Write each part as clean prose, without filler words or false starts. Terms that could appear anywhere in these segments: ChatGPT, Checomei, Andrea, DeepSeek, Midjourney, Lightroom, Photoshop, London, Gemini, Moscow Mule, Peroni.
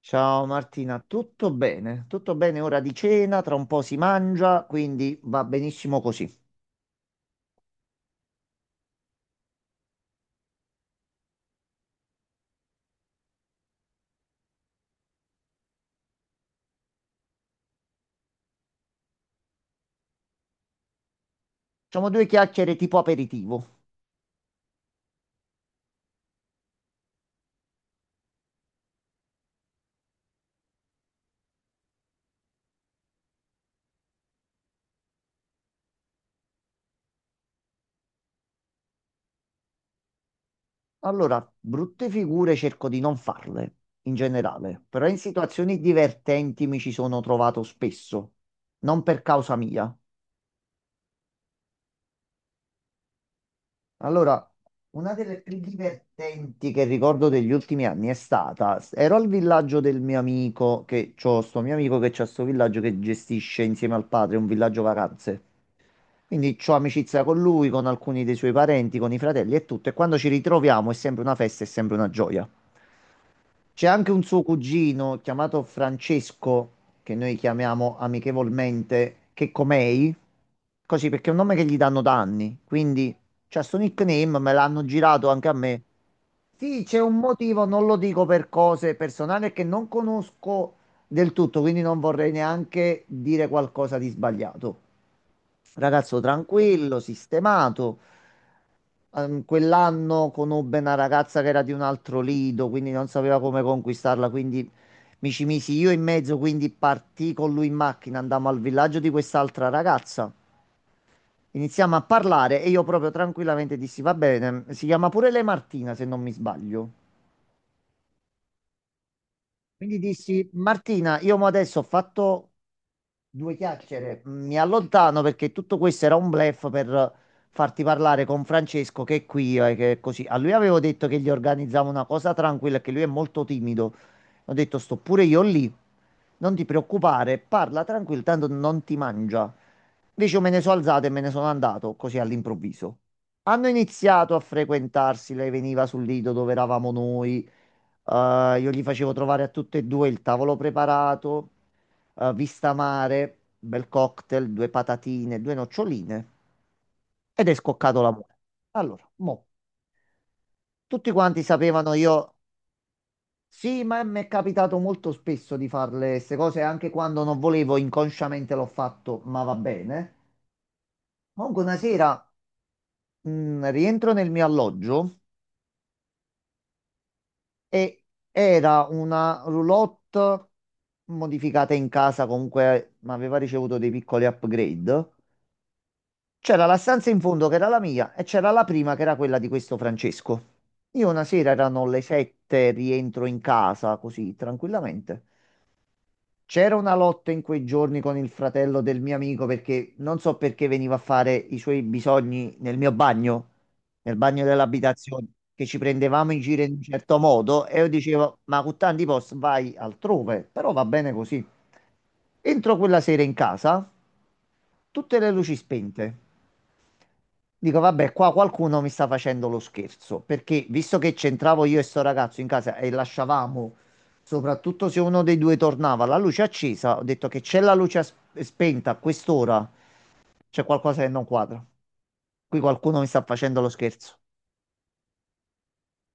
Ciao Martina, tutto bene? Tutto bene, ora di cena, tra un po' si mangia, quindi va benissimo così. Facciamo due chiacchiere tipo aperitivo. Allora, brutte figure cerco di non farle, in generale, però in situazioni divertenti mi ci sono trovato spesso, non per causa mia. Allora, una delle più divertenti che ricordo degli ultimi anni è stata, ero al villaggio del mio amico, che c'ho sto mio amico che c'ha sto villaggio che gestisce insieme al padre un villaggio vacanze. Quindi ho amicizia con lui, con alcuni dei suoi parenti, con i fratelli e tutto. E quando ci ritroviamo è sempre una festa, è sempre una gioia. C'è anche un suo cugino chiamato Francesco, che noi chiamiamo amichevolmente Checomei, così perché è un nome che gli danno da anni. Quindi c'è sto nickname, me l'hanno girato anche a me. Sì, c'è un motivo, non lo dico per cose personali che non conosco del tutto, quindi non vorrei neanche dire qualcosa di sbagliato. Ragazzo tranquillo, sistemato. Quell'anno conobbe una ragazza che era di un altro lido, quindi non sapeva come conquistarla, quindi mi ci misi io in mezzo, quindi partì con lui in macchina, andammo al villaggio di quest'altra ragazza. Iniziamo a parlare e io proprio tranquillamente dissi, va bene, si chiama pure lei Martina se non mi sbaglio. Quindi dissi, Martina, io mo adesso ho fatto due chiacchiere. Mi allontano perché tutto questo era un bluff per farti parlare con Francesco che è qui e che è così. A lui avevo detto che gli organizzavo una cosa tranquilla, che lui è molto timido. Ho detto sto pure io lì. Non ti preoccupare, parla tranquillo, tanto non ti mangia. Invece io me ne sono alzato e me ne sono andato così all'improvviso. Hanno iniziato a frequentarsi, lei veniva sul lido dove eravamo noi, io gli facevo trovare a tutte e due il tavolo preparato, vista mare, bel cocktail, due patatine, due noccioline, ed è scoccato l'amore. Allora, mo, tutti quanti sapevano io, sì, ma mi è capitato molto spesso di farle queste cose, anche quando non volevo, inconsciamente l'ho fatto, ma va bene. Comunque una sera rientro nel mio alloggio e era una roulotte modificata in casa, comunque ma aveva ricevuto dei piccoli upgrade. C'era la stanza in fondo che era la mia e c'era la prima che era quella di questo Francesco. Io una sera erano le sette, rientro in casa così tranquillamente. C'era una lotta in quei giorni con il fratello del mio amico perché non so perché veniva a fare i suoi bisogni nel mio bagno, nel bagno dell'abitazione, che ci prendevamo in giro in un certo modo e io dicevo, ma con tanti posti vai altrove, però va bene così. Entro quella sera in casa, tutte le luci spente. Dico, vabbè, qua qualcuno mi sta facendo lo scherzo, perché visto che c'entravo io e sto ragazzo in casa e lasciavamo soprattutto se uno dei due tornava, la luce è accesa, ho detto che c'è la luce spenta a quest'ora, c'è qualcosa che non quadra. Qui qualcuno mi sta facendo lo scherzo.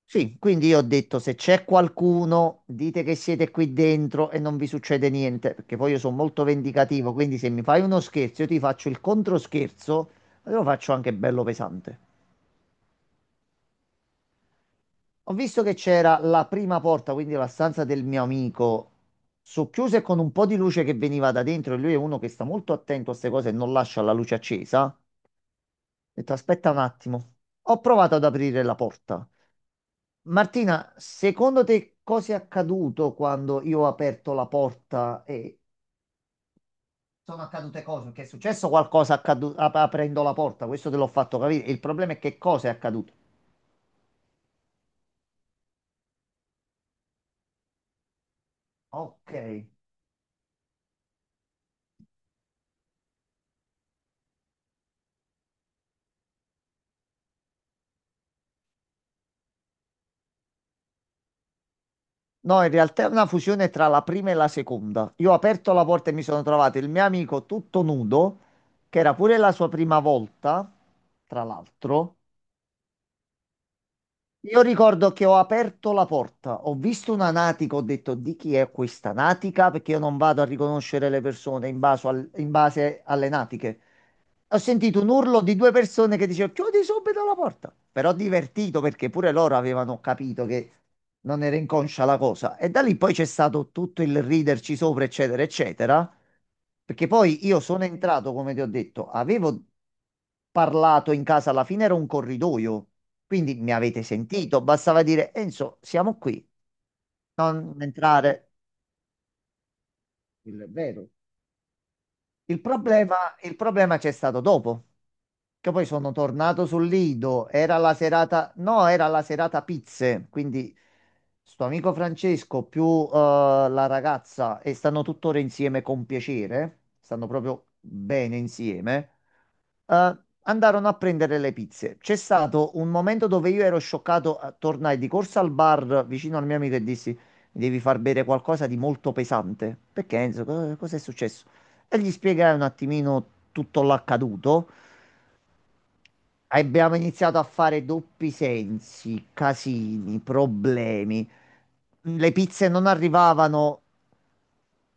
Sì, quindi io ho detto se c'è qualcuno, dite che siete qui dentro e non vi succede niente, perché poi io sono molto vendicativo, quindi se mi fai uno scherzo, io ti faccio il controscherzo, e lo faccio anche bello pesante. Ho visto che c'era la prima porta, quindi la stanza del mio amico, socchiusa e con un po' di luce che veniva da dentro. E lui è uno che sta molto attento a queste cose e non lascia la luce accesa. Ho detto, aspetta un attimo. Ho provato ad aprire la porta. Martina, secondo te cosa è accaduto quando io ho aperto la porta e sono accadute cose? Che è successo qualcosa aprendo la porta? Questo te l'ho fatto capire. Il problema è che cosa è accaduto. Ok. No, in realtà è una fusione tra la prima e la seconda. Io ho aperto la porta e mi sono trovato il mio amico tutto nudo, che era pure la sua prima volta, tra l'altro. Io ricordo che ho aperto la porta, ho visto una natica, ho detto di chi è questa natica, perché io non vado a riconoscere le persone in base, in base alle natiche. Ho sentito un urlo di due persone che dicevano chiudi subito la porta. Però divertito perché pure loro avevano capito che non era inconscia la cosa. E da lì poi c'è stato tutto il riderci sopra, eccetera, eccetera. Perché poi io sono entrato, come ti ho detto, avevo parlato in casa, alla fine era un corridoio. Quindi mi avete sentito, bastava dire Enzo, siamo qui, non entrare. Quello è vero. Il problema, il problema c'è stato dopo, che poi sono tornato sul lido, era la serata, no, era la serata pizze, quindi sto amico Francesco più eh, la ragazza, e stanno tuttora insieme con piacere, stanno proprio bene insieme, eh, andarono a prendere le pizze. C'è stato un momento dove io ero scioccato, tornai di corsa al bar vicino al mio amico e dissi, mi devi far bere qualcosa di molto pesante, perché Enzo, cosa è successo? E gli spiegare un attimino tutto l'accaduto. Abbiamo iniziato a fare doppi sensi, casini, problemi. Le pizze non arrivavano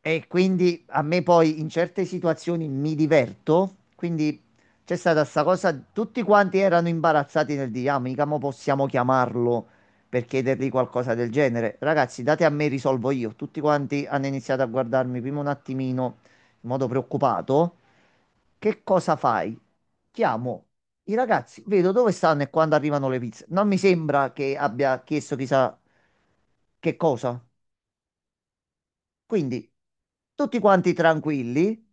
e quindi a me poi in certe situazioni mi diverto. Quindi c'è stata sta cosa, tutti quanti erano imbarazzati nel dire, ah, mica mo possiamo chiamarlo per chiedergli qualcosa del genere. Ragazzi, date a me, risolvo io. Tutti quanti hanno iniziato a guardarmi prima un attimino in modo preoccupato, che cosa fai? Chiamo i ragazzi, vedo dove stanno e quando arrivano le pizze. Non mi sembra che abbia chiesto chissà che cosa. Quindi, tutti quanti tranquilli,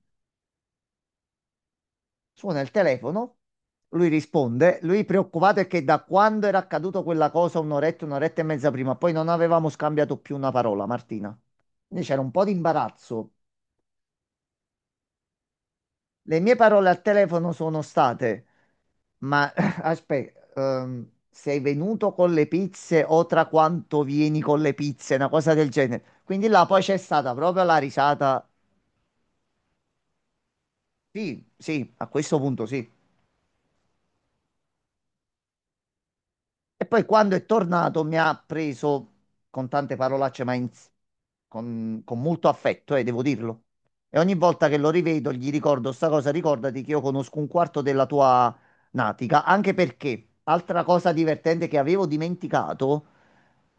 suona il telefono, lui risponde, lui preoccupato è che da quando era accaduto quella cosa, un'oretta, un'oretta e mezza prima, poi non avevamo scambiato più una parola, Martina. Quindi c'era un po' di imbarazzo. Le mie parole al telefono sono state, ma aspetta, sei venuto con le pizze o tra quanto vieni con le pizze, una cosa del genere. Quindi là poi c'è stata proprio la risata. Sì, sì, a questo punto sì. E poi quando è tornato mi ha preso con tante parolacce, ma con molto affetto, devo dirlo. E ogni volta che lo rivedo gli ricordo sta cosa, ricordati che io conosco un quarto della tua natica, anche perché, altra cosa divertente che avevo dimenticato,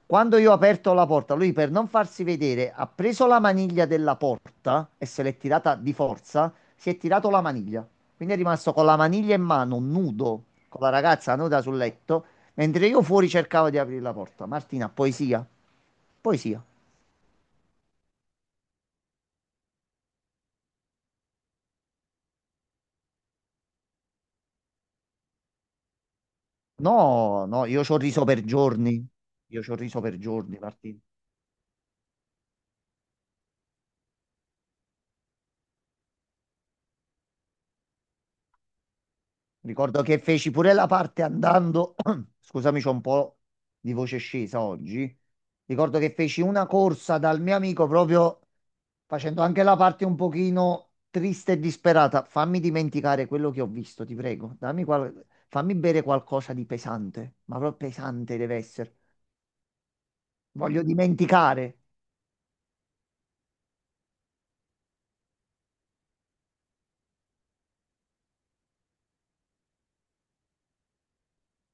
quando io ho aperto la porta, lui per non farsi vedere ha preso la maniglia della porta e se l'è tirata di forza, si è tirato la maniglia. Quindi è rimasto con la maniglia in mano, nudo, con la ragazza nuda sul letto. Mentre io fuori cercavo di aprire la porta. Martina, poesia? Poesia. No, no, io ci ho riso per giorni. Io ci ho riso per giorni, Martina. Ricordo che feci pure la parte andando. Scusami, c'ho un po' di voce scesa oggi. Ricordo che feci una corsa dal mio amico proprio facendo anche la parte un pochino triste e disperata. Fammi dimenticare quello che ho visto, ti prego. Dammi fammi bere qualcosa di pesante, ma proprio pesante deve essere. Voglio dimenticare.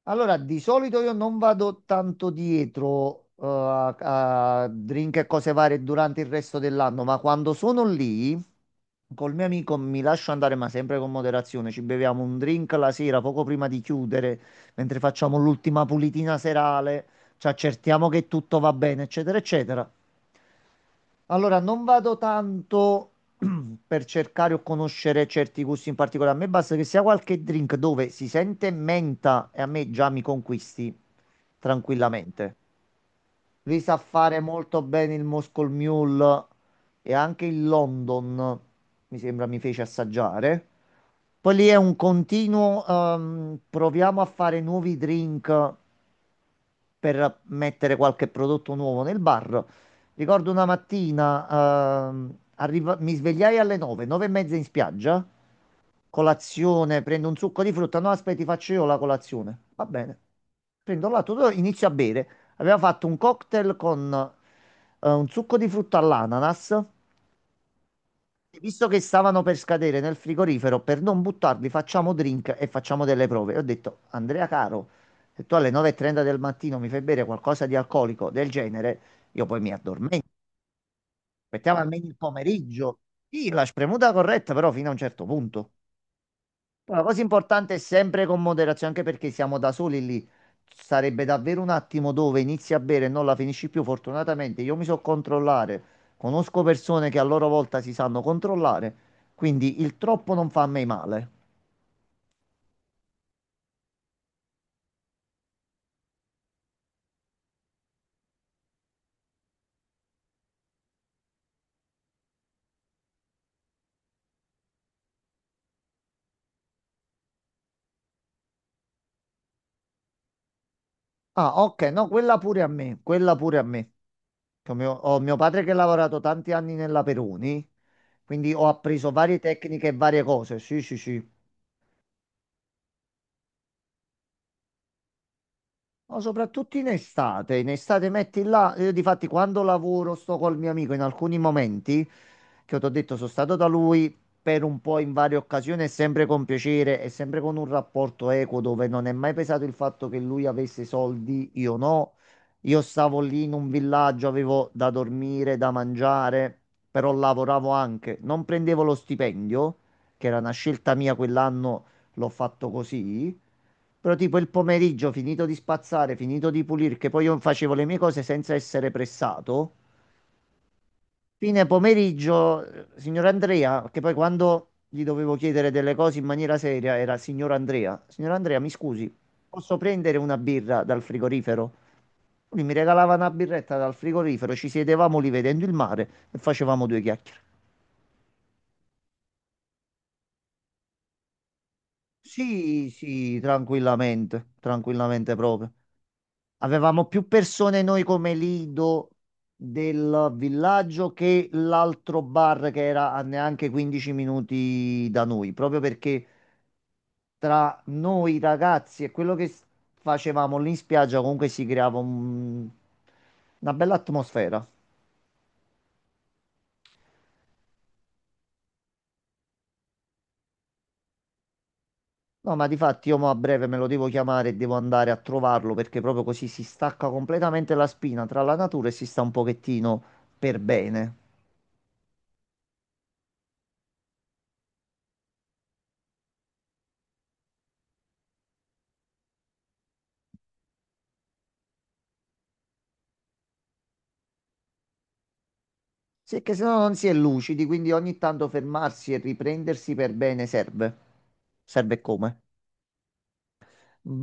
Allora, di solito io non vado tanto dietro a drink e cose varie durante il resto dell'anno, ma quando sono lì col mio amico mi lascio andare, ma sempre con moderazione. Ci beviamo un drink la sera, poco prima di chiudere, mentre facciamo l'ultima pulitina serale, ci accertiamo che tutto va bene, eccetera, eccetera. Allora, non vado tanto per cercare o conoscere certi gusti in particolare. A me basta che sia qualche drink dove si sente menta e a me già mi conquisti tranquillamente. Li sa fare molto bene il Moscow Mule e anche il London, mi sembra mi fece assaggiare. Poi lì è un continuo, proviamo a fare nuovi drink per mettere qualche prodotto nuovo nel bar. Ricordo una mattina, mi svegliai alle 9, 9 e mezza in spiaggia, colazione, prendo un succo di frutta, no aspetta, ti faccio io la colazione. Va bene. Prendo l'atto, inizio a bere. Aveva fatto un cocktail con un succo di frutta all'ananas, visto che stavano per scadere nel frigorifero, per non buttarli, facciamo drink e facciamo delle prove. E ho detto, Andrea caro, se tu alle 9:30 del mattino mi fai bere qualcosa di alcolico del genere, io poi mi addormento. Aspettiamo almeno il pomeriggio. Sì, la spremuta corretta, però fino a un certo punto. Poi la cosa importante è sempre con moderazione, anche perché siamo da soli lì. Sarebbe davvero un attimo dove inizi a bere e non la finisci più. Fortunatamente io mi so controllare, conosco persone che a loro volta si sanno controllare, quindi il troppo non fa a me male. Ah, ok, no, quella pure a me, quella pure a me. Che ho mio padre che ha lavorato tanti anni nella Peroni, quindi ho appreso varie tecniche e varie cose. Sì, sì, sì. No, soprattutto in estate metti là, io difatti quando lavoro sto col mio amico in alcuni momenti, che ti ho detto sono stato da lui per un po' in varie occasioni, e sempre con piacere e sempre con un rapporto equo dove non è mai pesato il fatto che lui avesse soldi, io no, io stavo lì in un villaggio, avevo da dormire, da mangiare, però lavoravo anche, non prendevo lo stipendio, che era una scelta mia quell'anno, l'ho fatto così. Però tipo il pomeriggio, finito di spazzare, finito di pulire, che poi io facevo le mie cose senza essere pressato. Fine pomeriggio, signor Andrea, che poi quando gli dovevo chiedere delle cose in maniera seria era signor Andrea. Signor Andrea, mi scusi, posso prendere una birra dal frigorifero? Lui mi regalava una birretta dal frigorifero, ci sedevamo lì vedendo il mare e facevamo due chiacchiere. Sì, sì, tranquillamente, tranquillamente proprio. Avevamo più persone noi come lido del villaggio che l'altro bar che era a neanche 15 minuti da noi, proprio perché tra noi ragazzi e quello che facevamo lì in spiaggia comunque si creava una bella atmosfera. No, ma difatti io mo a breve me lo devo chiamare e devo andare a trovarlo perché proprio così si stacca completamente la spina tra la natura e si sta un pochettino per bene. Sì, è che se no non si è lucidi, quindi ogni tanto fermarsi e riprendersi per bene serve. Serve come?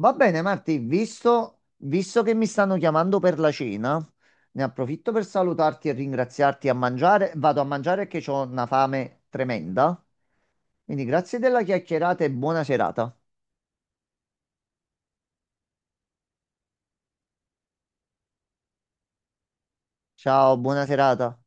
Va bene, Marti, visto che mi stanno chiamando per la cena, ne approfitto per salutarti e ringraziarti a mangiare. Vado a mangiare che ho una fame tremenda. Quindi grazie della chiacchierata e buona serata. Ciao, buona serata.